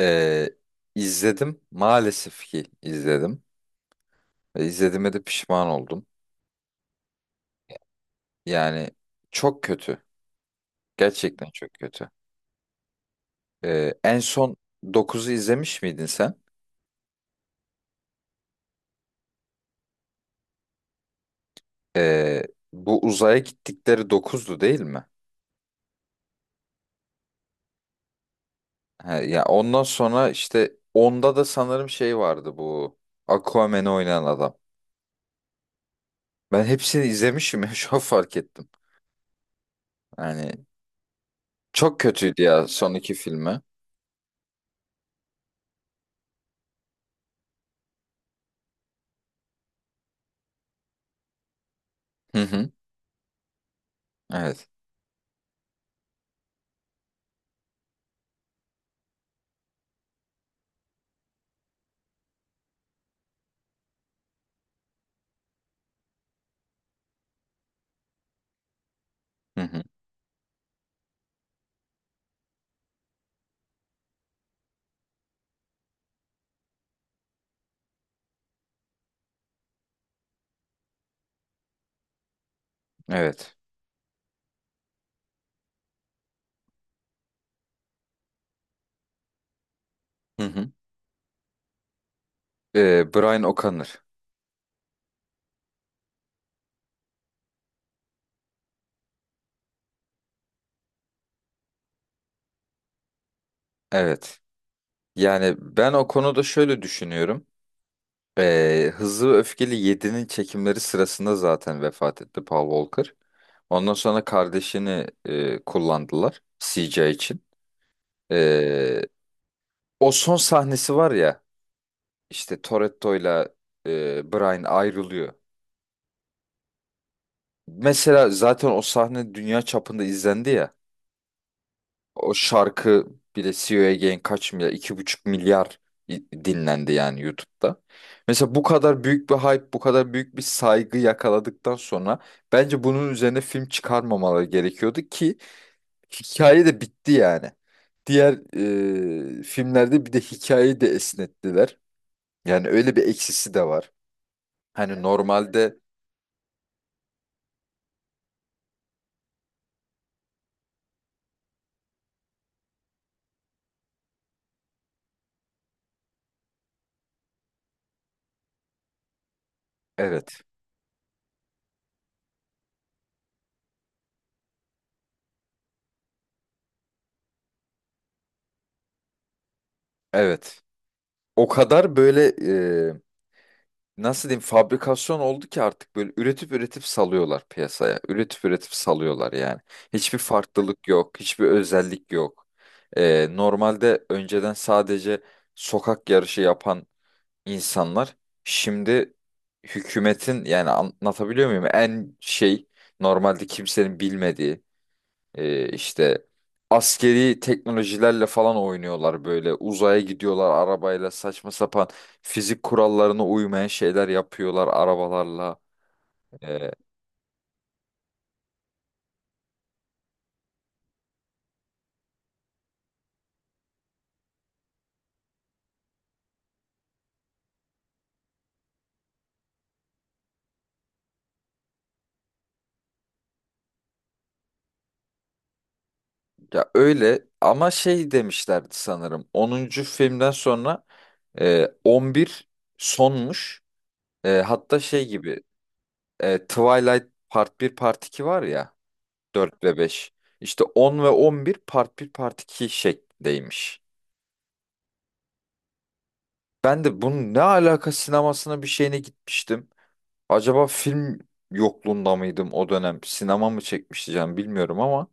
Ee, izledim. Maalesef ki izledim. Ve izlediğime de pişman oldum. Yani çok kötü. Gerçekten çok kötü. En son dokuzu izlemiş miydin sen? Ee, Bu uzaya gittikleri dokuzdu değil mi? Ha, ya ondan sonra işte onda da sanırım şey vardı bu. Aquaman'ı oynayan adam. Ben hepsini izlemişim ya şu an fark ettim. Yani çok kötüydü ya son iki filmi. Hı hı. Evet. Hı hı. Evet. Hı hı. Brian O'Connor. Evet. Yani ben o konuda şöyle düşünüyorum. Hızlı ve Öfkeli 7'nin çekimleri sırasında zaten vefat etti Paul Walker. Ondan sonra kardeşini kullandılar CJ için. Ee, O son sahnesi var ya işte Toretto'yla Brian ayrılıyor. Mesela zaten o sahne dünya çapında izlendi ya. O şarkı bile CEO Again kaç milyar? 2,5 milyar dinlendi yani YouTube'da. Mesela bu kadar büyük bir hype, bu kadar büyük bir saygı yakaladıktan sonra bence bunun üzerine film çıkarmamaları gerekiyordu ki hikaye de bitti yani. Diğer filmlerde bir de hikayeyi de esnettiler. Yani öyle bir eksisi de var. Hani normalde, evet, evet. O kadar böyle nasıl diyeyim fabrikasyon oldu ki artık böyle üretip üretip salıyorlar piyasaya. Üretip üretip salıyorlar yani. Hiçbir farklılık yok, hiçbir özellik yok. Normalde önceden sadece sokak yarışı yapan insanlar şimdi hükümetin, yani anlatabiliyor muyum? En şey, normalde kimsenin bilmediği işte askeri teknolojilerle falan oynuyorlar böyle. Uzaya gidiyorlar arabayla, saçma sapan fizik kurallarına uymayan şeyler yapıyorlar arabalarla. Ee, Ya öyle ama şey demişlerdi sanırım. 10. filmden sonra 11 sonmuş. Hatta şey gibi Twilight Part bir, Part 2 var ya, 4 ve beş. İşte 10 ve 11 Part bir Part 2 şeklindeymiş. Ben de bunun ne alaka sinemasına bir şeyine gitmiştim. Acaba film yokluğunda mıydım o dönem? Sinema mı çekmişti canım, bilmiyorum ama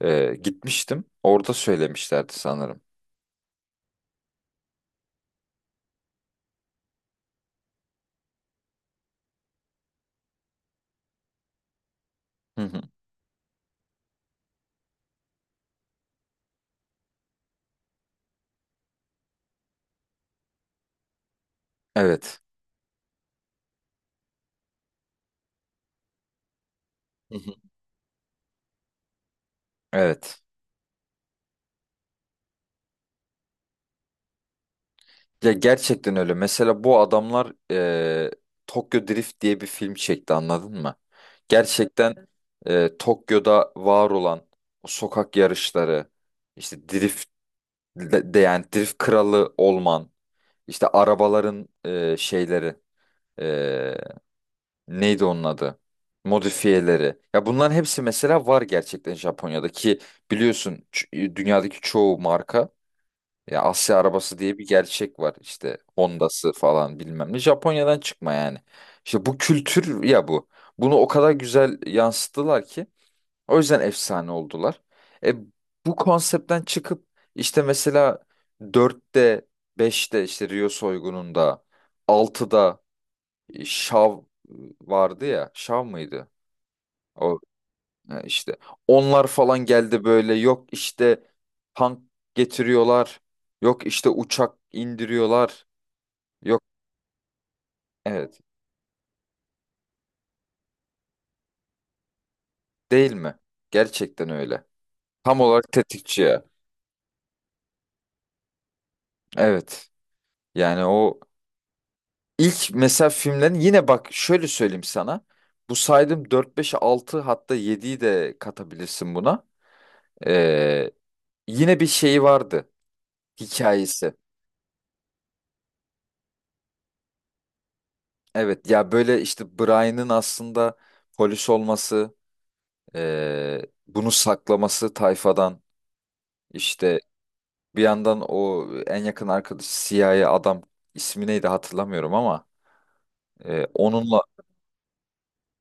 gitmiştim. Orada söylemişlerdi sanırım. Hı hı. Evet. Hı hı. Evet. Ya gerçekten öyle. Mesela bu adamlar Tokyo Drift diye bir film çekti, anladın mı? Gerçekten Tokyo'da var olan o sokak yarışları, işte drift, yani drift kralı olman. İşte arabaların şeyleri, e, neydi onun adı? Modifiyeleri. Ya bunların hepsi mesela var gerçekten Japonya'da ki biliyorsun, dünyadaki çoğu marka, ya Asya arabası diye bir gerçek var işte, Honda'sı falan bilmem ne Japonya'dan çıkma yani. İşte bu kültür ya bu. Bunu o kadar güzel yansıttılar ki o yüzden efsane oldular. E, Bu konseptten çıkıp işte mesela dörtte, beşte işte Rio soygununda, altıda Şav vardı ya. Şav mıydı? O işte onlar falan geldi böyle, yok işte tank getiriyorlar. Yok işte uçak indiriyorlar. Yok, evet, değil mi? Gerçekten öyle. Tam olarak tetikçi ya. Evet. Yani o İlk mesela filmlerin, yine bak şöyle söyleyeyim sana. Bu saydığım dört, beş, altı, hatta 7'yi de katabilirsin buna. Ee, Yine bir şeyi vardı. Hikayesi. Evet ya, böyle işte Brian'ın aslında polis olması, ee, bunu saklaması tayfadan. İşte bir yandan o en yakın arkadaşı siyahi adam, ismi neydi hatırlamıyorum ama, onunla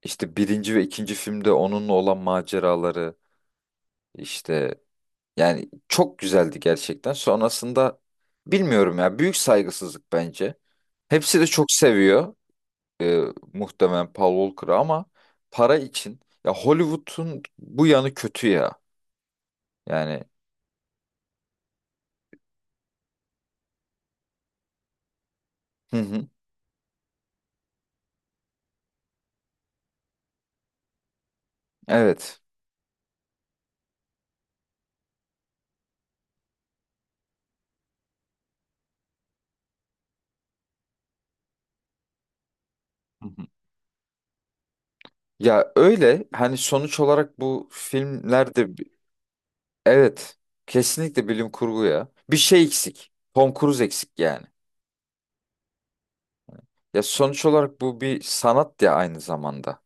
işte birinci ve ikinci filmde onunla olan maceraları işte. Yani çok güzeldi gerçekten. Sonrasında bilmiyorum ya, büyük saygısızlık bence. Hepsi de çok seviyor e, muhtemelen Paul Walker'ı ama para için, ya Hollywood'un bu yanı kötü ya. Yani, hı hı, evet. Hı hı. Ya öyle, hani sonuç olarak bu filmlerde evet, kesinlikle bilim kurgu ya. Bir şey eksik. Tom Cruise eksik yani. Ya sonuç olarak bu bir sanat ya aynı zamanda.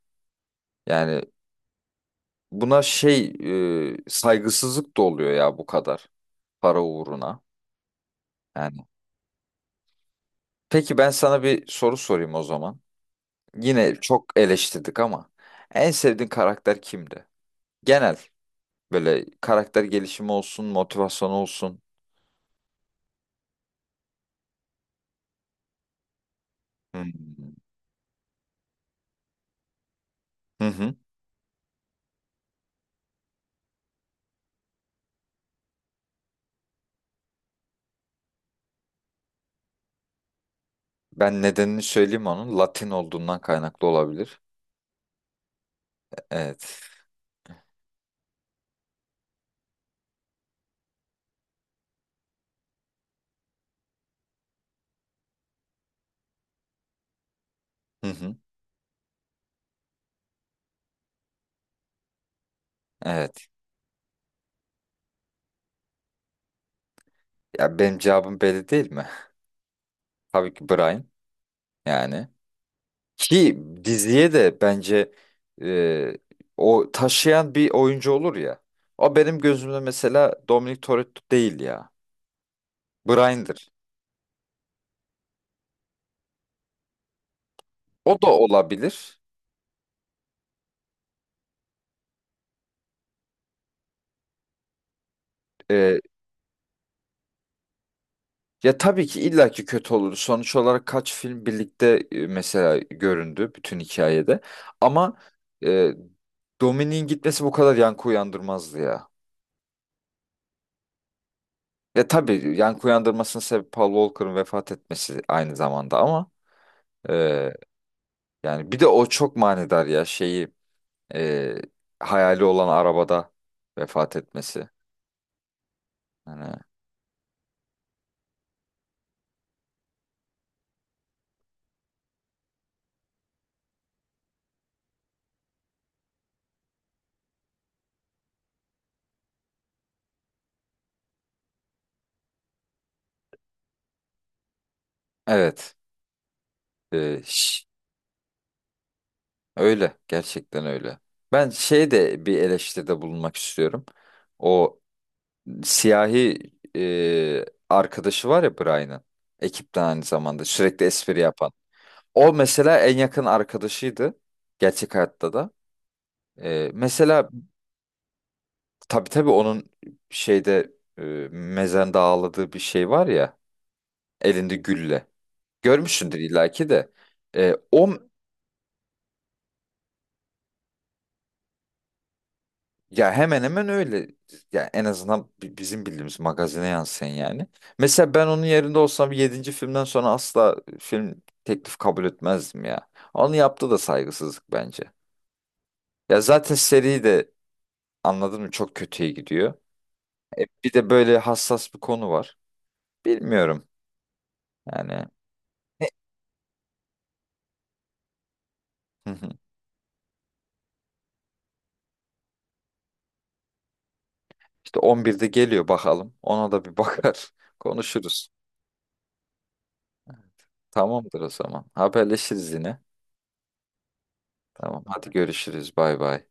Yani buna şey, saygısızlık da oluyor ya, bu kadar para uğruna. Yani. Peki ben sana bir soru sorayım o zaman. Yine çok eleştirdik ama en sevdiğin karakter kimdi? Genel böyle, karakter gelişimi olsun, motivasyon olsun. Hmm. Hı hı. Ben nedenini söyleyeyim onun. Latin olduğundan kaynaklı olabilir. Evet. Hı hı. Evet. Ya benim cevabım belli değil mi? Tabii ki Brian yani. Ki diziye de bence e, o taşıyan bir oyuncu olur ya. O benim gözümde mesela Dominic Toretto değil ya. Brian'dır. O da olabilir. E, Ya tabii ki illaki kötü olur. Sonuç olarak kaç film birlikte mesela göründü bütün hikayede. Ama e, Dominic'in gitmesi bu kadar yankı uyandırmazdı ya. Ya tabii yankı uyandırmasının sebebi Paul Walker'ın vefat etmesi aynı zamanda ama, e, yani bir de o çok manidar ya, şeyi, e, hayali olan arabada vefat etmesi. Hani evet, e, şş, öyle gerçekten öyle. Ben şey de bir eleştiride bulunmak istiyorum. O siyahi arkadaşı var ya Brian'ın, ekipten aynı zamanda sürekli espri yapan. O mesela en yakın arkadaşıydı gerçek hayatta da. Mesela tabii tabii, onun şeyde, e, mezende ağladığı bir şey var ya. Elinde gülle. Görmüşsündür illaki de. O ya hemen hemen öyle. Ya en azından bizim bildiğimiz magazine yansıyan yani. Mesela ben onun yerinde olsam yedinci filmden sonra asla film teklif kabul etmezdim ya. Onu yaptı da, saygısızlık bence. Ya zaten seri de, anladın mı, çok kötüye gidiyor. Bir de böyle hassas bir konu var. Bilmiyorum yani. Ne- Hı hı. İşte 11'de geliyor bakalım. Ona da bir bakar. Konuşuruz. Tamamdır o zaman. Haberleşiriz yine. Tamam, hadi görüşürüz, bay bay.